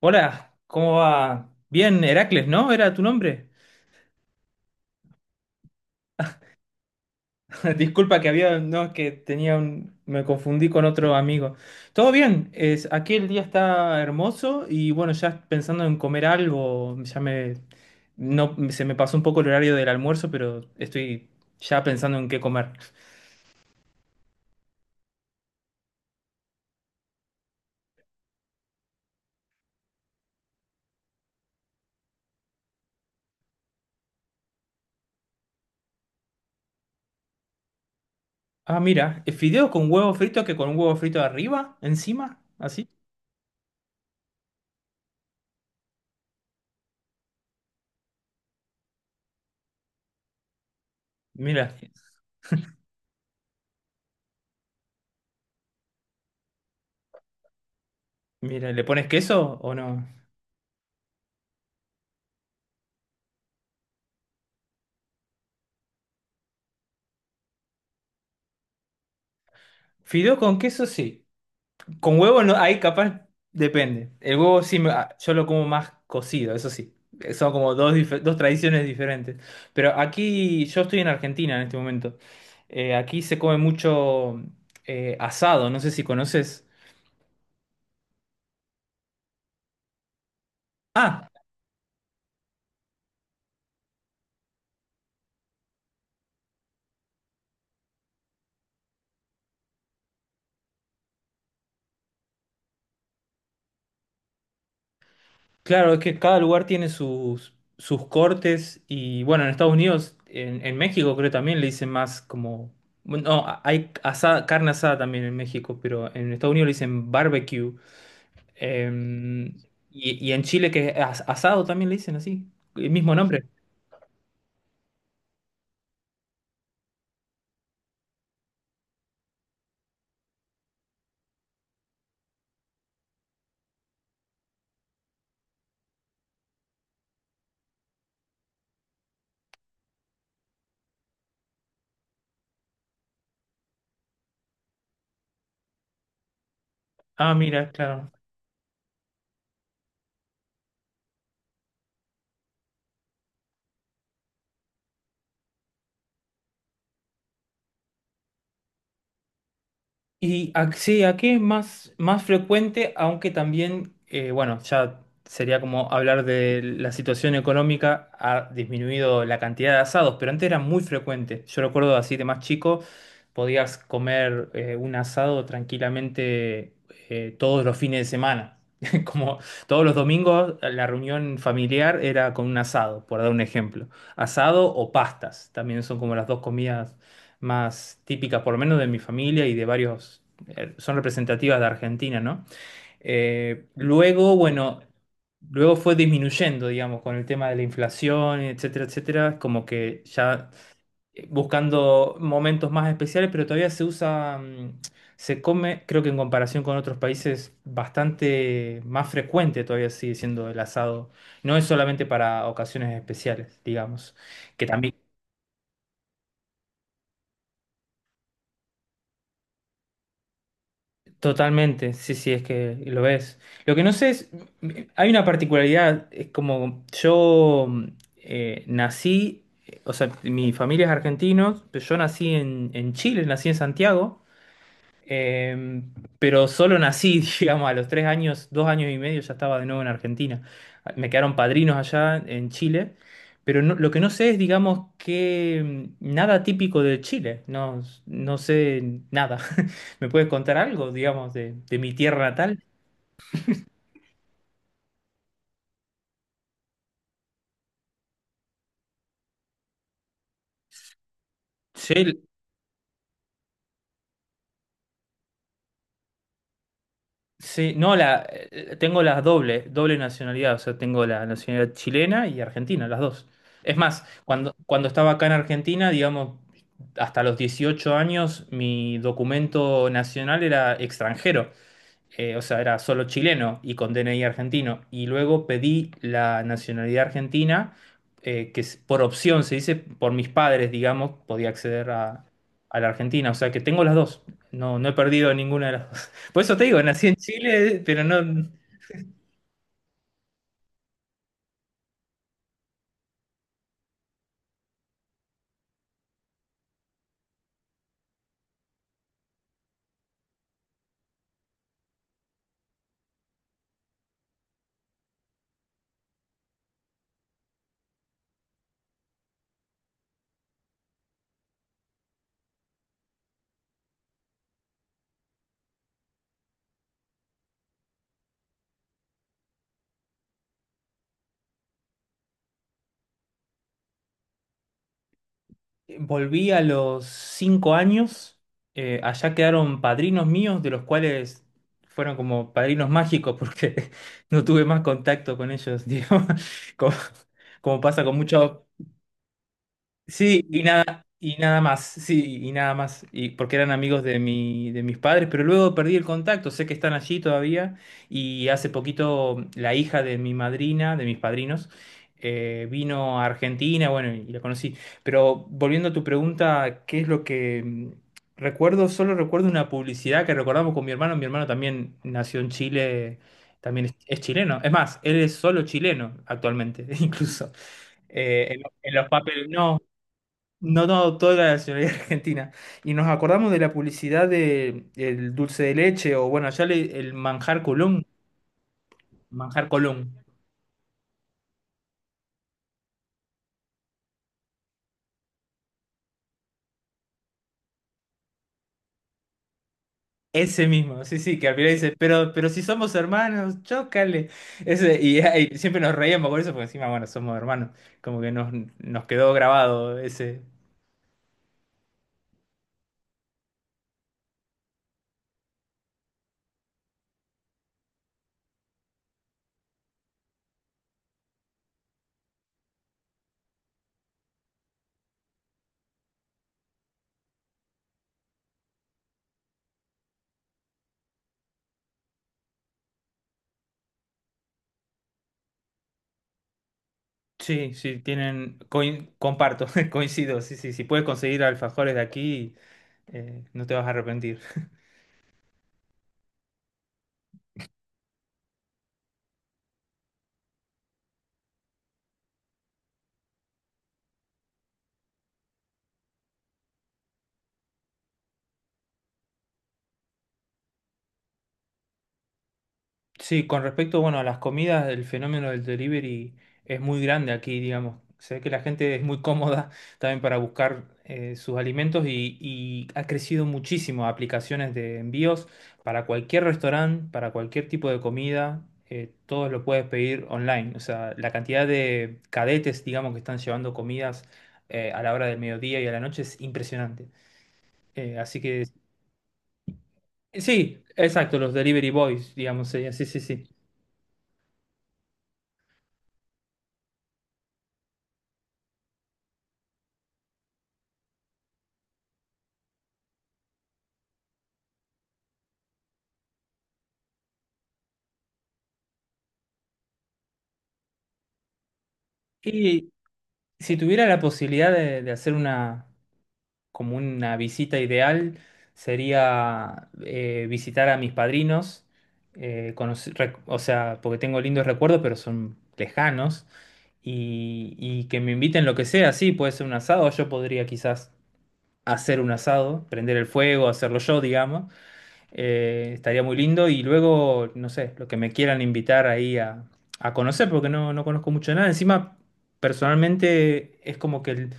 Hola, ¿cómo va? Bien, Heracles, ¿no? Era tu nombre. Disculpa que había, no, es que tenía un, me confundí con otro amigo. Todo bien, es, aquí el día está hermoso y bueno, ya pensando en comer algo, ya me, no, se me pasó un poco el horario del almuerzo, pero estoy ya pensando en qué comer. Ah, mira, fideo con huevo frito que con un huevo frito arriba, encima, así. Mira, mira, ¿le pones queso o no? Fideo con queso, sí. Con huevo no, ahí capaz depende. El huevo sí, yo lo como más cocido, eso sí. Son como dos, dos tradiciones diferentes. Pero aquí, yo estoy en Argentina en este momento. Aquí se come mucho asado, no sé si conoces. Ah, claro, es que cada lugar tiene sus, sus cortes y bueno, en Estados Unidos, en México creo también le dicen más como... No, hay asada, carne asada también en México, pero en Estados Unidos le dicen barbecue. Em, y, y en Chile que es asado también le dicen así, el mismo nombre. Ah, mira, claro. Sí, aquí es más, más frecuente, aunque también, bueno, ya sería como hablar de la situación económica, ha disminuido la cantidad de asados, pero antes era muy frecuente. Yo recuerdo así de más chico, podías comer un asado tranquilamente todos los fines de semana. Como todos los domingos, la reunión familiar era con un asado, por dar un ejemplo. Asado o pastas, también son como las dos comidas más típicas, por lo menos de mi familia y de varios, son representativas de Argentina, ¿no? Eh, luego, bueno, Luego fue disminuyendo, digamos, con el tema de la inflación, etcétera, etcétera, como que ya buscando momentos más especiales, pero todavía se usa, se come, creo que en comparación con otros países, bastante más frecuente todavía sigue siendo el asado. No es solamente para ocasiones especiales, digamos, que también. Totalmente, sí, sí, es que lo ves. Lo que no sé es, hay una particularidad, es como nací, o sea, mi familia es argentina, pero yo nací en Chile, nací en Santiago, eh, pero solo nací, digamos, a los 3 años, 2 años y medio ya estaba de nuevo en Argentina. Me quedaron padrinos allá en Chile, pero lo que no sé es, digamos, que nada típico de Chile, no, no sé nada. ¿Me puedes contar algo, digamos, de mi tierra natal? Sí, sí, no, la, tengo las doble nacionalidad, o sea, tengo la nacionalidad chilena y argentina, las dos. Es más, cuando, cuando estaba acá en Argentina, digamos, hasta los 18 años, mi documento nacional era extranjero, o sea, era solo chileno y con DNI argentino. Y luego pedí la nacionalidad argentina, que es por opción, se dice, por mis padres, digamos, podía acceder a la Argentina. O sea, que tengo las dos. No, no he perdido ninguna de las dos. Por eso te digo, nací en Chile, pero no... Volví a los 5 años. Allá quedaron padrinos míos, de los cuales fueron como padrinos mágicos, porque no tuve más contacto con ellos, digo, como, como pasa con muchos. Sí, y nada más, sí, y nada más, y porque eran amigos de mi, de mis padres, pero luego perdí el contacto, sé que están allí todavía, y hace poquito la hija de mi madrina, de mis padrinos, vino a Argentina, bueno, y la conocí. Pero volviendo a tu pregunta, ¿qué es lo que recuerdo? Solo recuerdo una publicidad que recordamos con mi hermano también nació en Chile, también es chileno, es más, él es solo chileno actualmente, incluso. En los papeles, no, no, no, toda la nacionalidad argentina. Y nos acordamos de la publicidad de el dulce de leche, o bueno, el manjar Colón, manjar Colón. Ese mismo, sí, sí, que al final dice, pero si somos hermanos, chócale. Ese, y, y siempre nos reíamos con eso, porque encima, bueno, somos hermanos. Como que nos, nos quedó grabado ese. Sí, sí, tienen. Comparto, coincido, sí, sí. Si puedes conseguir alfajores de aquí, no te vas a arrepentir. Sí, con respecto, bueno, a las comidas, el fenómeno del delivery es muy grande aquí, digamos. Se ve que la gente es muy cómoda también para buscar sus alimentos y ha crecido muchísimo aplicaciones de envíos para cualquier restaurante, para cualquier tipo de comida, todo lo puedes pedir online. O sea, la cantidad de cadetes, digamos, que están llevando comidas a la hora del mediodía y a la noche es impresionante. Así que sí, exacto, los delivery boys, digamos, sería, sí, sí, sí. Y si tuviera la posibilidad de hacer una, como una visita ideal, sería visitar a mis padrinos, o sea, porque tengo lindos recuerdos, pero son lejanos, y que me inviten lo que sea, sí, puede ser un asado, yo podría quizás hacer un asado, prender el fuego, hacerlo yo, digamos, estaría muy lindo y luego, no sé, lo que me quieran invitar ahí a conocer, porque no, no conozco mucho de nada. Encima, personalmente, es como que el-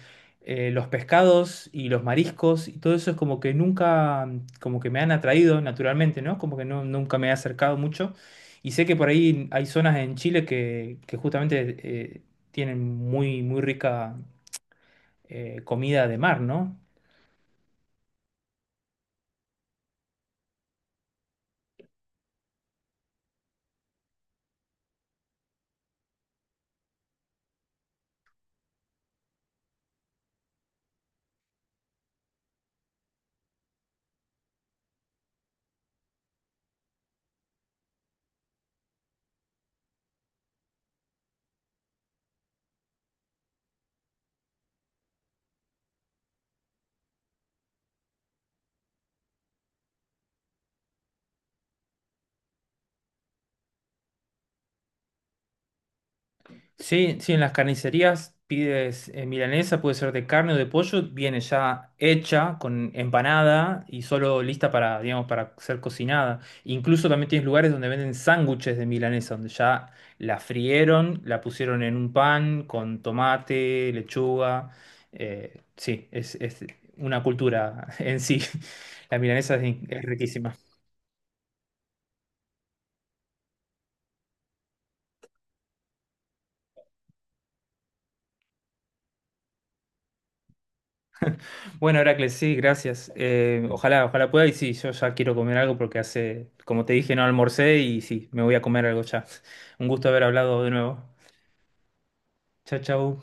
eh, los pescados y los mariscos y todo eso es como que nunca, como que me han atraído naturalmente, ¿no? Como que no, nunca me he acercado mucho. Y sé que por ahí hay zonas en Chile que justamente tienen muy, muy rica comida de mar, ¿no? Sí, sí, en las carnicerías pides milanesa, puede ser de carne o de pollo, viene ya hecha, con empanada y solo lista para, digamos, para ser cocinada. Incluso también tienes lugares donde venden sándwiches de milanesa, donde ya la frieron, la pusieron en un pan con tomate, lechuga. Sí, es una cultura en sí. La milanesa es, es riquísima. Bueno, Heracles, sí, gracias. Ojalá, ojalá pueda. Y sí, yo ya quiero comer algo porque hace, como te dije, no almorcé y sí, me voy a comer algo ya. Un gusto haber hablado de nuevo. Chao, chao.